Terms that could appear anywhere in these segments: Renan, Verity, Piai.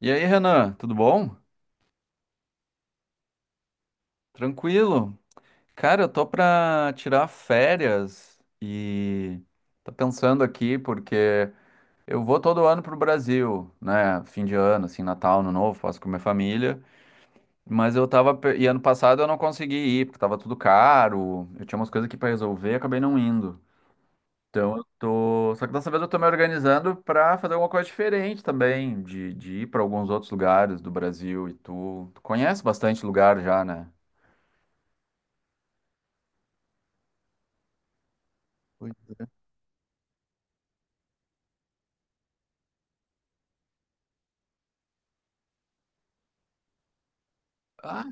E aí, Renan, tudo bom? Tranquilo? Cara, eu tô pra tirar férias e tô pensando aqui porque eu vou todo ano pro Brasil, né? Fim de ano, assim, Natal, Ano Novo, faço com minha família. Mas eu tava. E ano passado eu não consegui ir, porque tava tudo caro, eu tinha umas coisas aqui pra resolver e acabei não indo. Então eu tô. Só que dessa vez eu tô me organizando pra fazer alguma coisa diferente também, de ir pra alguns outros lugares do Brasil e tu. Tu conhece bastante lugar já, né? Pois é. Ah,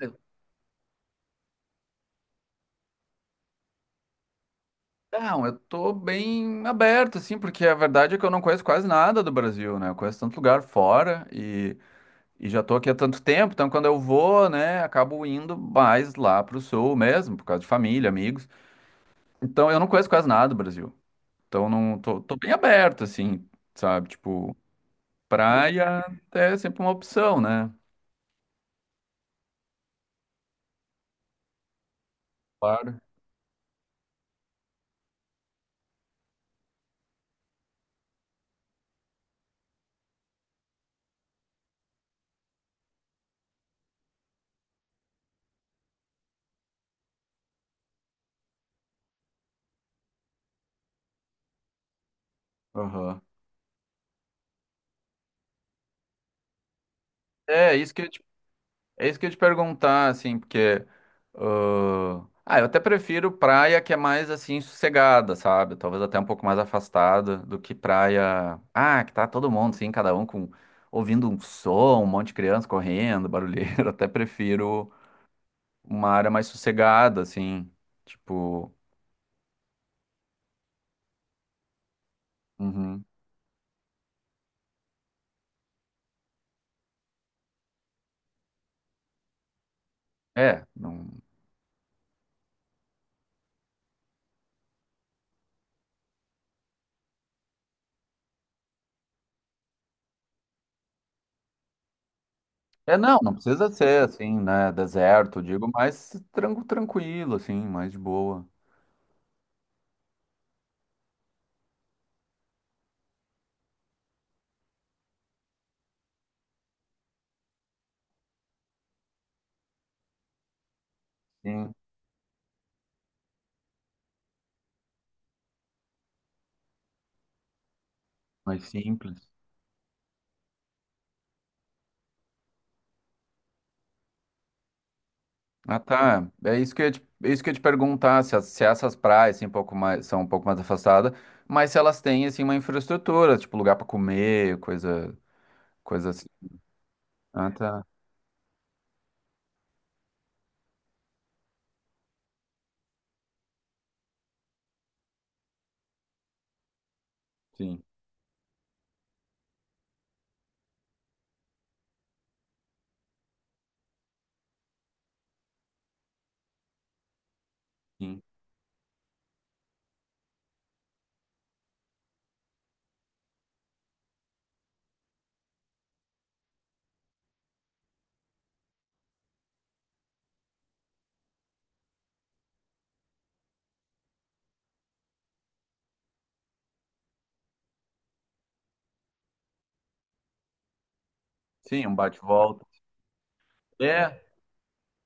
não, eu tô bem aberto, assim, porque a verdade é que eu não conheço quase nada do Brasil, né? Eu conheço tanto lugar fora e já tô aqui há tanto tempo, então quando eu vou, né, acabo indo mais lá pro sul mesmo, por causa de família, amigos. Então eu não conheço quase nada do Brasil. Então não tô, tô bem aberto, assim, sabe? Tipo, praia é sempre uma opção, né? Claro. Aham. É, isso que eu ia te É isso que eu ia te perguntar, assim, porque. Ah, eu até prefiro praia que é mais, assim, sossegada, sabe? Talvez até um pouco mais afastada do que praia. Ah, que tá todo mundo, assim, cada um com. Ouvindo um som, um monte de criança correndo, barulheiro. Até prefiro uma área mais sossegada, assim. Tipo. Uhum. É, não. É, não, não precisa ser, assim, né? Deserto, digo, mais tranquilo, assim, mais de boa. Sim, mais simples. Ah, tá. É isso que eu ia te, é isso que eu ia te perguntar, se, se essas praias assim, um pouco mais, são um pouco mais afastadas, mas se elas têm assim, uma infraestrutura, tipo lugar para comer, coisa, coisa assim. Ah, tá. Sim, sim. Sim, um bate-volta. É.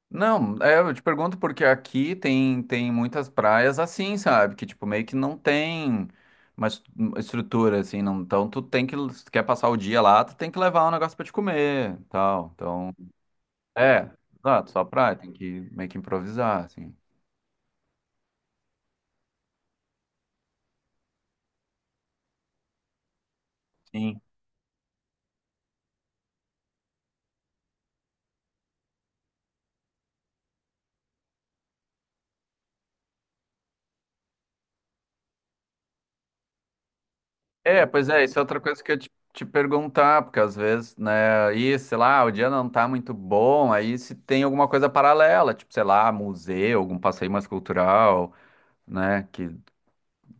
Não, é, eu te pergunto porque aqui tem muitas praias assim, sabe? Que tipo, meio que não tem uma uma estrutura, assim, não. Então tu tem que, se tu quer passar o dia lá, tu tem que levar um negócio pra te comer, tal. Então. É, exato, só praia, tem que meio que improvisar, assim. Sim. É, pois é, isso é outra coisa que eu te perguntar, porque às vezes, né, aí, sei lá, o dia não tá muito bom, aí se tem alguma coisa paralela, tipo, sei lá, museu, algum passeio mais cultural, né, que,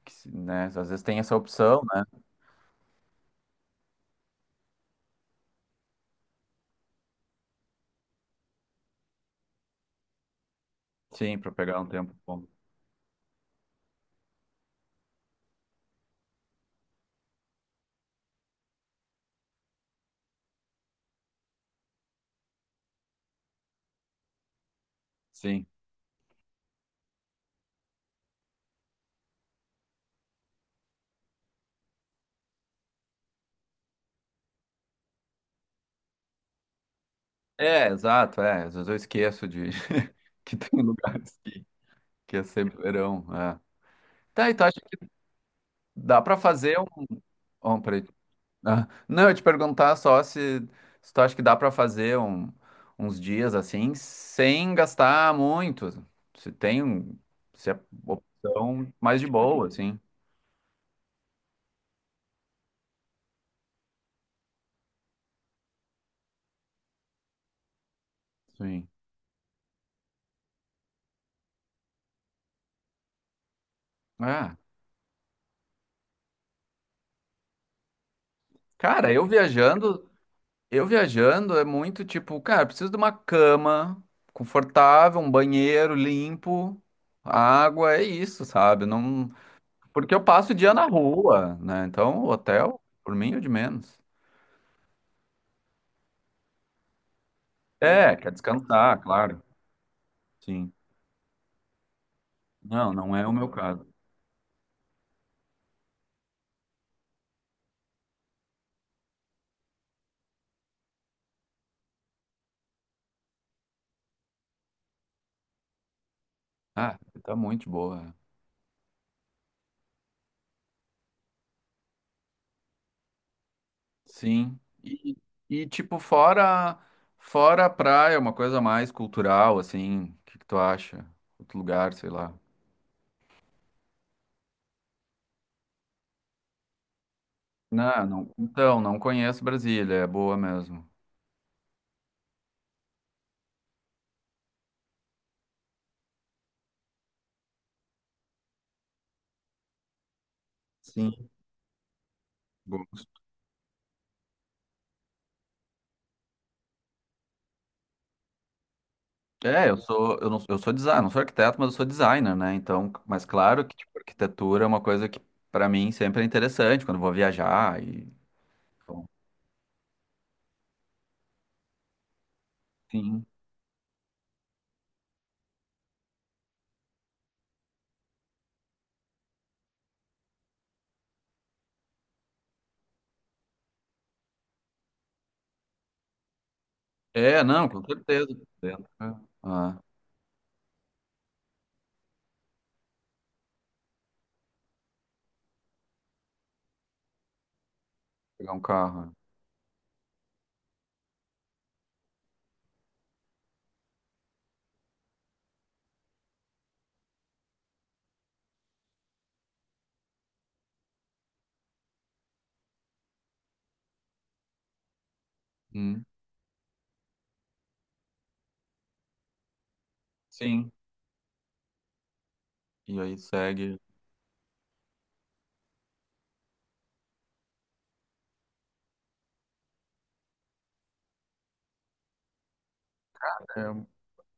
né, às vezes tem essa opção, né? Sim, pra pegar um tempo bom. Sim. É, exato, é, às vezes eu esqueço de que tem lugares que é sempre verão, é. Tá, então acho que dá pra fazer um... Oh, peraí. Ah, não, eu ia te perguntar só se, se tu acha que dá pra fazer um- uns dias assim, sem gastar muito. Se tem, um- se é opção mais de boa, assim. Sim. Ah, cara, eu viajando é muito tipo, cara, preciso de uma cama confortável, um banheiro limpo, água, é isso, sabe? Não, porque eu passo o dia na rua, né? Então, hotel, por mim, é o de menos. É, quer descansar, claro. Sim. Não, não é o meu caso. Ah, tá muito boa. É. Sim. E, tipo, fora a praia, uma coisa mais cultural, assim, o que que tu acha? Outro lugar, sei lá. Não, não, então, não conheço Brasília, é boa mesmo. Sim. Gosto. É, eu sou designer, não sou arquiteto, mas eu sou designer, né? Então, mas claro que, tipo, arquitetura é uma coisa que pra mim sempre é interessante quando eu vou viajar e bom, sim. É, não, com certeza. Dentro, é. Ah, pegar um carro. É. Hum, sim. E aí segue.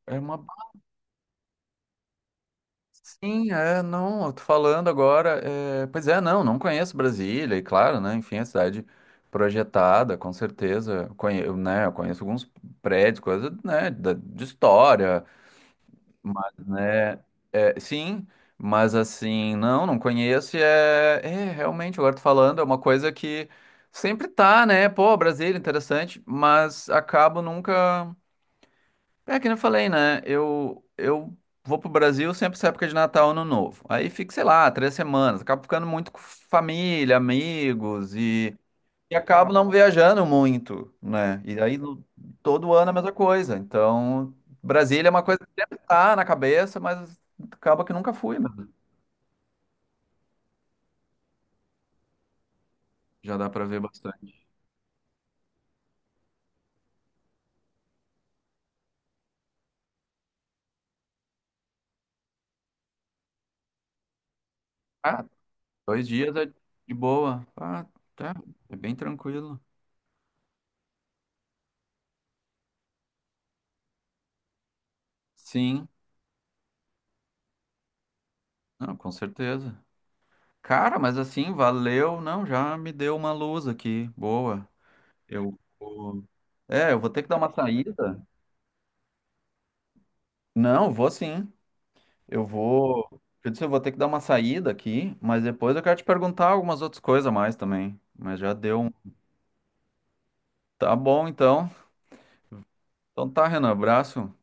É, é uma. Ba-. Sim, é, não, eu tô falando agora. É, pois é, não, não conheço Brasília, e claro, né? Enfim, é cidade projetada, com certeza. Conhe... eu, né, eu conheço alguns prédios, coisas, né, de história. Mas é, é, sim, mas assim, não, não conheço. E é, é, realmente, agora tô falando, é uma coisa que sempre tá, né? Pô, Brasília, interessante, mas acabo nunca. É que nem eu falei, né? Eu vou pro Brasil sempre essa época de Natal, Ano Novo. Aí fico, sei lá, 3 semanas. Acabo ficando muito com família, amigos e acabo não viajando muito, né? E aí no- todo ano é a mesma coisa. Então, Brasília é uma coisa que sempre tá na cabeça, mas acaba que nunca fui, mas já dá pra ver bastante. Ah, 2 dias é de boa. Ah, tá. É bem tranquilo. Sim, não, com certeza. Cara, mas assim, valeu. Não, já me deu uma luz aqui. Boa. Eu vou. É, eu vou ter que dar uma saída. Não, vou sim. Eu vou. Eu disse, eu vou ter que dar uma saída aqui, mas depois eu quero te perguntar algumas outras coisas a mais também. Mas já deu um. Tá bom, então. Então tá, Renan. Abraço.